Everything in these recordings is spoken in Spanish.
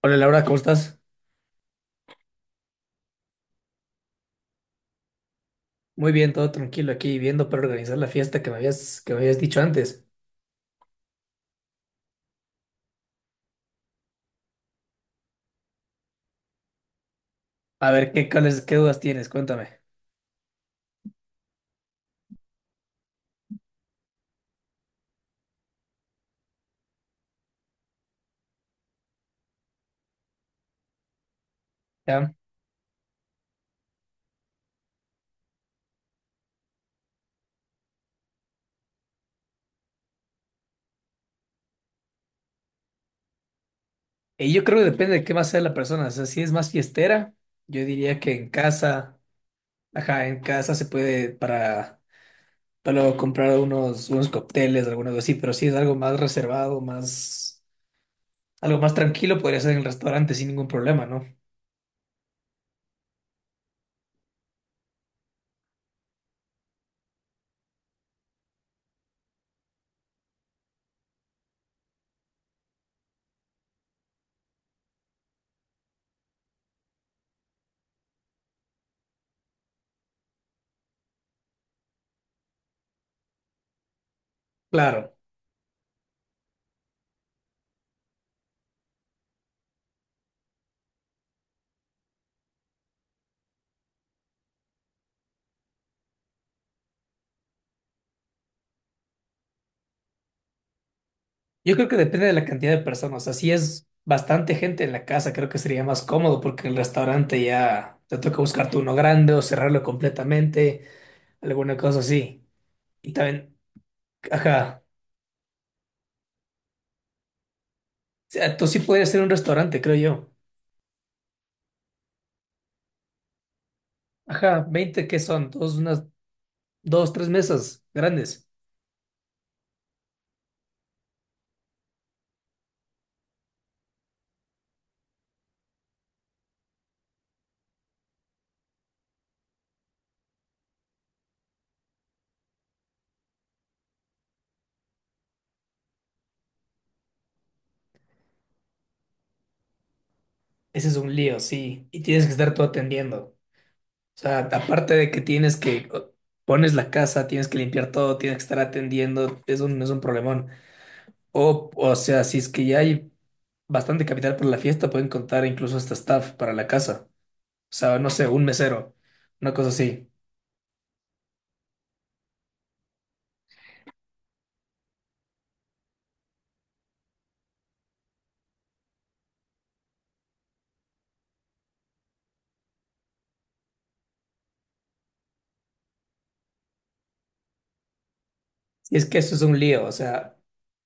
Hola Laura, ¿cómo estás? Muy bien, todo tranquilo aquí viendo para organizar la fiesta que me habías dicho antes. A ver, ¿ qué dudas tienes? Cuéntame. ¿Ya? Y yo creo que depende de qué más sea la persona. O sea, si es más fiestera, yo diría que en casa, ajá, en casa se puede para luego comprar unos cócteles, alguna cosa así, pero si es algo más reservado, algo más tranquilo, podría ser en el restaurante sin ningún problema, ¿no? Claro. Yo creo que depende de la cantidad de personas. Así es bastante gente en la casa, creo que sería más cómodo porque el restaurante ya te toca buscarte uno grande o cerrarlo completamente, alguna cosa así. Y también, ajá, o sea, tú sí podrías ser un restaurante, creo yo. Ajá, 20, que son, dos, unas, dos, tres mesas grandes. Ese es un lío, sí. Y tienes que estar tú atendiendo. O sea, aparte de que pones la casa, tienes que limpiar todo, tienes que estar atendiendo, es un, problemón. O sea, si es que ya hay bastante capital para la fiesta, pueden contar incluso hasta staff para la casa. O sea, no sé, un mesero, una cosa así. Y es que eso es un lío, o sea,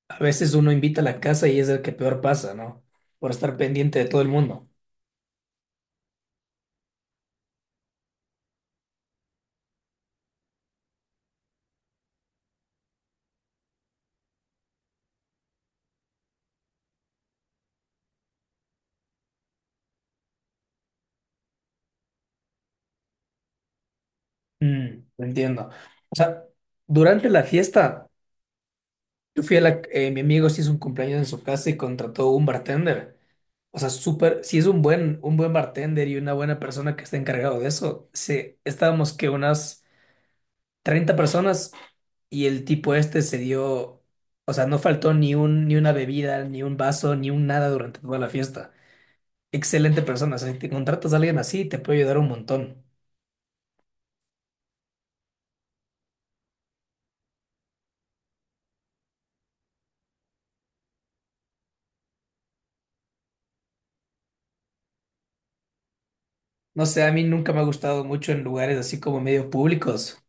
a veces uno invita a la casa y es el que peor pasa, ¿no? Por estar pendiente de todo el mundo. Mm, entiendo. O sea, durante la fiesta, yo fui a mi amigo se hizo un cumpleaños en su casa y contrató un bartender. O sea, súper, si es un buen bartender y una buena persona que está encargado de eso, sí, estábamos que unas 30 personas y el tipo este se dio, o sea, no faltó ni un, ni una bebida, ni un vaso, ni un nada durante toda la fiesta. Excelente persona, o sea, si te contratas a alguien así, te puede ayudar un montón. No sé, a mí nunca me ha gustado mucho en lugares así como medio públicos.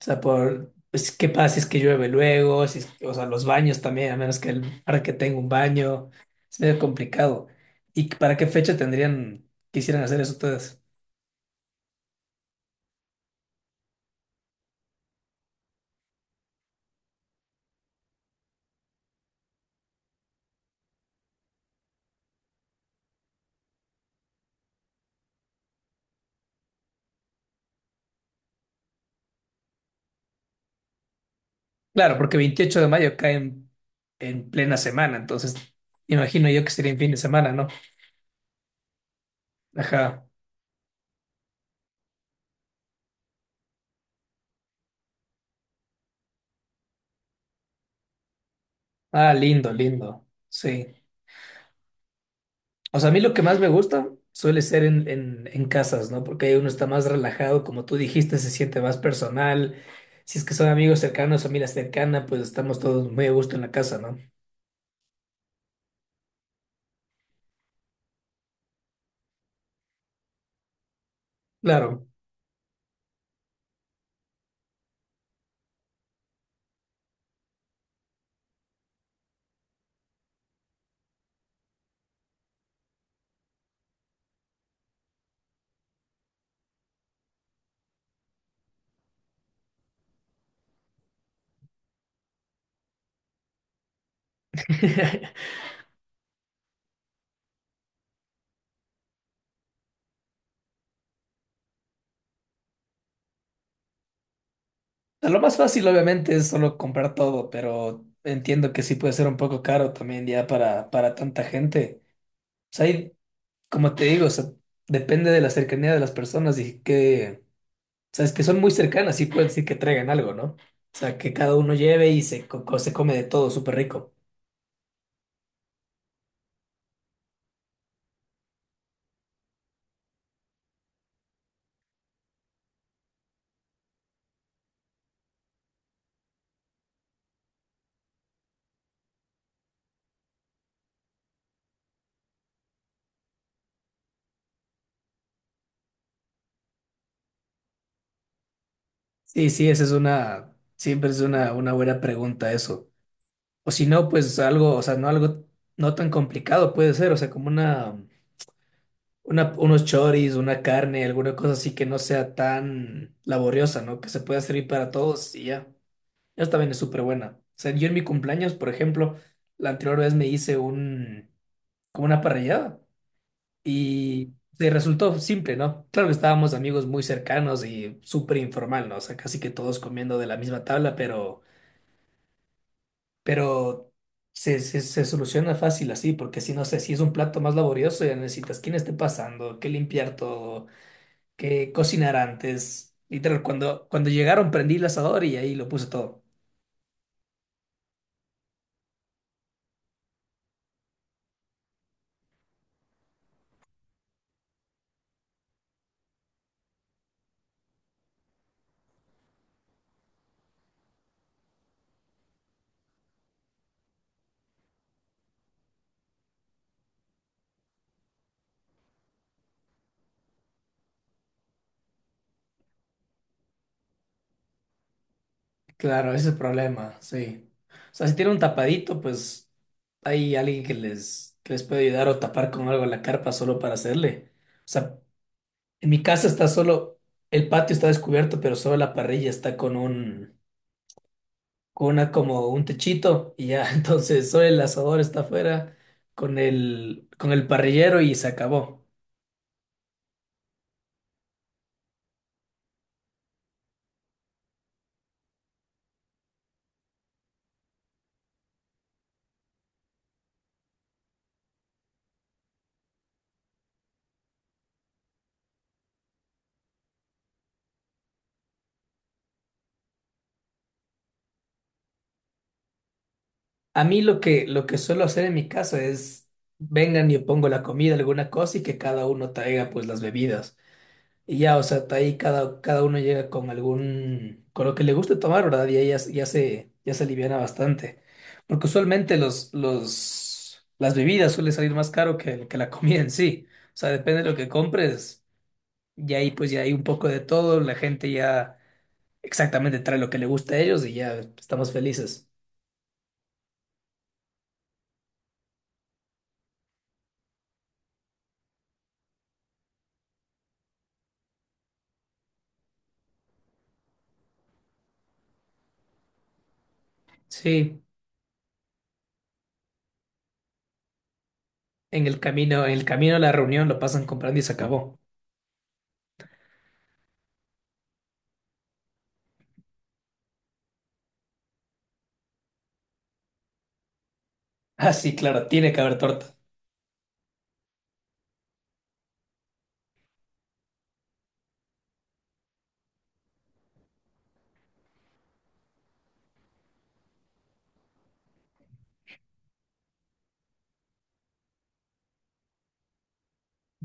O sea, pues, ¿qué pasa si es que llueve luego? Si es- O sea, los baños también, a menos que el parque tenga un baño. Es medio complicado. ¿Y para qué fecha tendrían, quisieran hacer eso ustedes? Claro, porque 28 de mayo cae en plena semana, entonces imagino yo que sería en fin de semana, ¿no? Ajá. Ah, lindo, lindo. Sí. O sea, a mí lo que más me gusta suele ser en, en, casas, ¿no? Porque ahí uno está más relajado, como tú dijiste, se siente más personal. Si es que son amigos cercanos, familia cercana, pues estamos todos muy a gusto en la casa, ¿no? Claro. O sea, lo más fácil, obviamente, es solo comprar todo, pero entiendo que sí puede ser un poco caro también ya para tanta gente. O sea, hay como te digo, o sea, depende de la cercanía de las personas y que, sabes que son muy cercanas, y pueden decir que traigan algo, ¿no? O sea, que cada uno lleve y se, se come de todo, súper rico. Sí, sí, esa es una, siempre es una buena pregunta eso. O si no, pues algo, o sea, no algo no tan complicado puede ser, o sea, como una, unos choris, una carne, alguna cosa así que no sea tan laboriosa, ¿no? Que se pueda servir para todos y ya. Esa también es súper buena. O sea, yo en mi cumpleaños, por ejemplo, la anterior vez me hice como una parrillada y se resultó simple, ¿no? Claro que estábamos amigos muy cercanos y súper informal, ¿no? O sea, casi que todos comiendo de la misma tabla, pero se soluciona fácil así, porque si no sé, si es un plato más laborioso, ya necesitas quién esté pasando, qué limpiar todo, qué cocinar antes. Literal, cuando llegaron prendí el asador y ahí lo puse todo. Claro, ese es el problema, sí. O sea, si tiene un tapadito, pues hay alguien que les puede ayudar o tapar con algo la carpa solo para hacerle. O sea, en mi casa está solo, el patio está descubierto, pero solo la parrilla está con un, con una como un techito y ya, entonces solo el asador está afuera con el parrillero y se acabó. A mí lo que suelo hacer en mi casa es, vengan y yo pongo la comida, alguna cosa y que cada uno traiga pues las bebidas. Y ya, o sea, está ahí cada, cada uno llega con con lo que le guste tomar, ¿verdad? Y ahí ya, ya se aliviana bastante. Porque usualmente los, las bebidas suele salir más caro que, la comida en sí. O sea, depende de lo que compres. Y ahí pues ya hay un poco de todo, la gente ya exactamente trae lo que le gusta a ellos y ya estamos felices. Sí, en el camino a la reunión lo pasan comprando y se acabó. Ah, sí, claro, tiene que haber torta.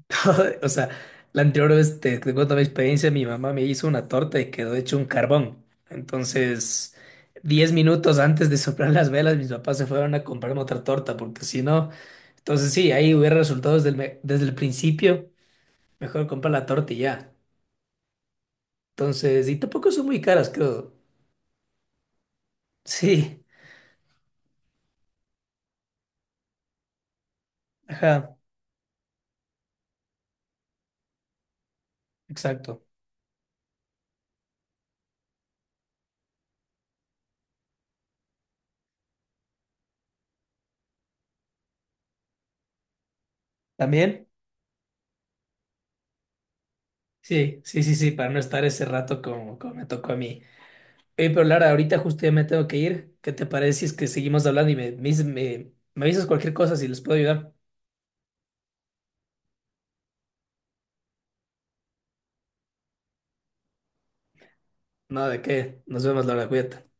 O sea, la anterior vez te cuento mi experiencia, mi mamá me hizo una torta y quedó hecho un carbón. Entonces, 10 minutos antes de soplar las velas, mis papás se fueron a comprarme otra torta, porque si no, entonces sí, ahí hubiera resultado desde el, me- desde el principio, mejor comprar la torta y ya. Entonces, y tampoco son muy caras, creo. Sí, ajá, exacto. ¿También? Sí, sí, sí, sí, para no estar ese rato como, como me tocó a mí. Pero Lara, ahorita justo ya me tengo que ir. ¿Qué te parece si es que seguimos hablando y me, me avisas cualquier cosa si les puedo ayudar? Nada de qué. Nos vemos, Lara, cuídate.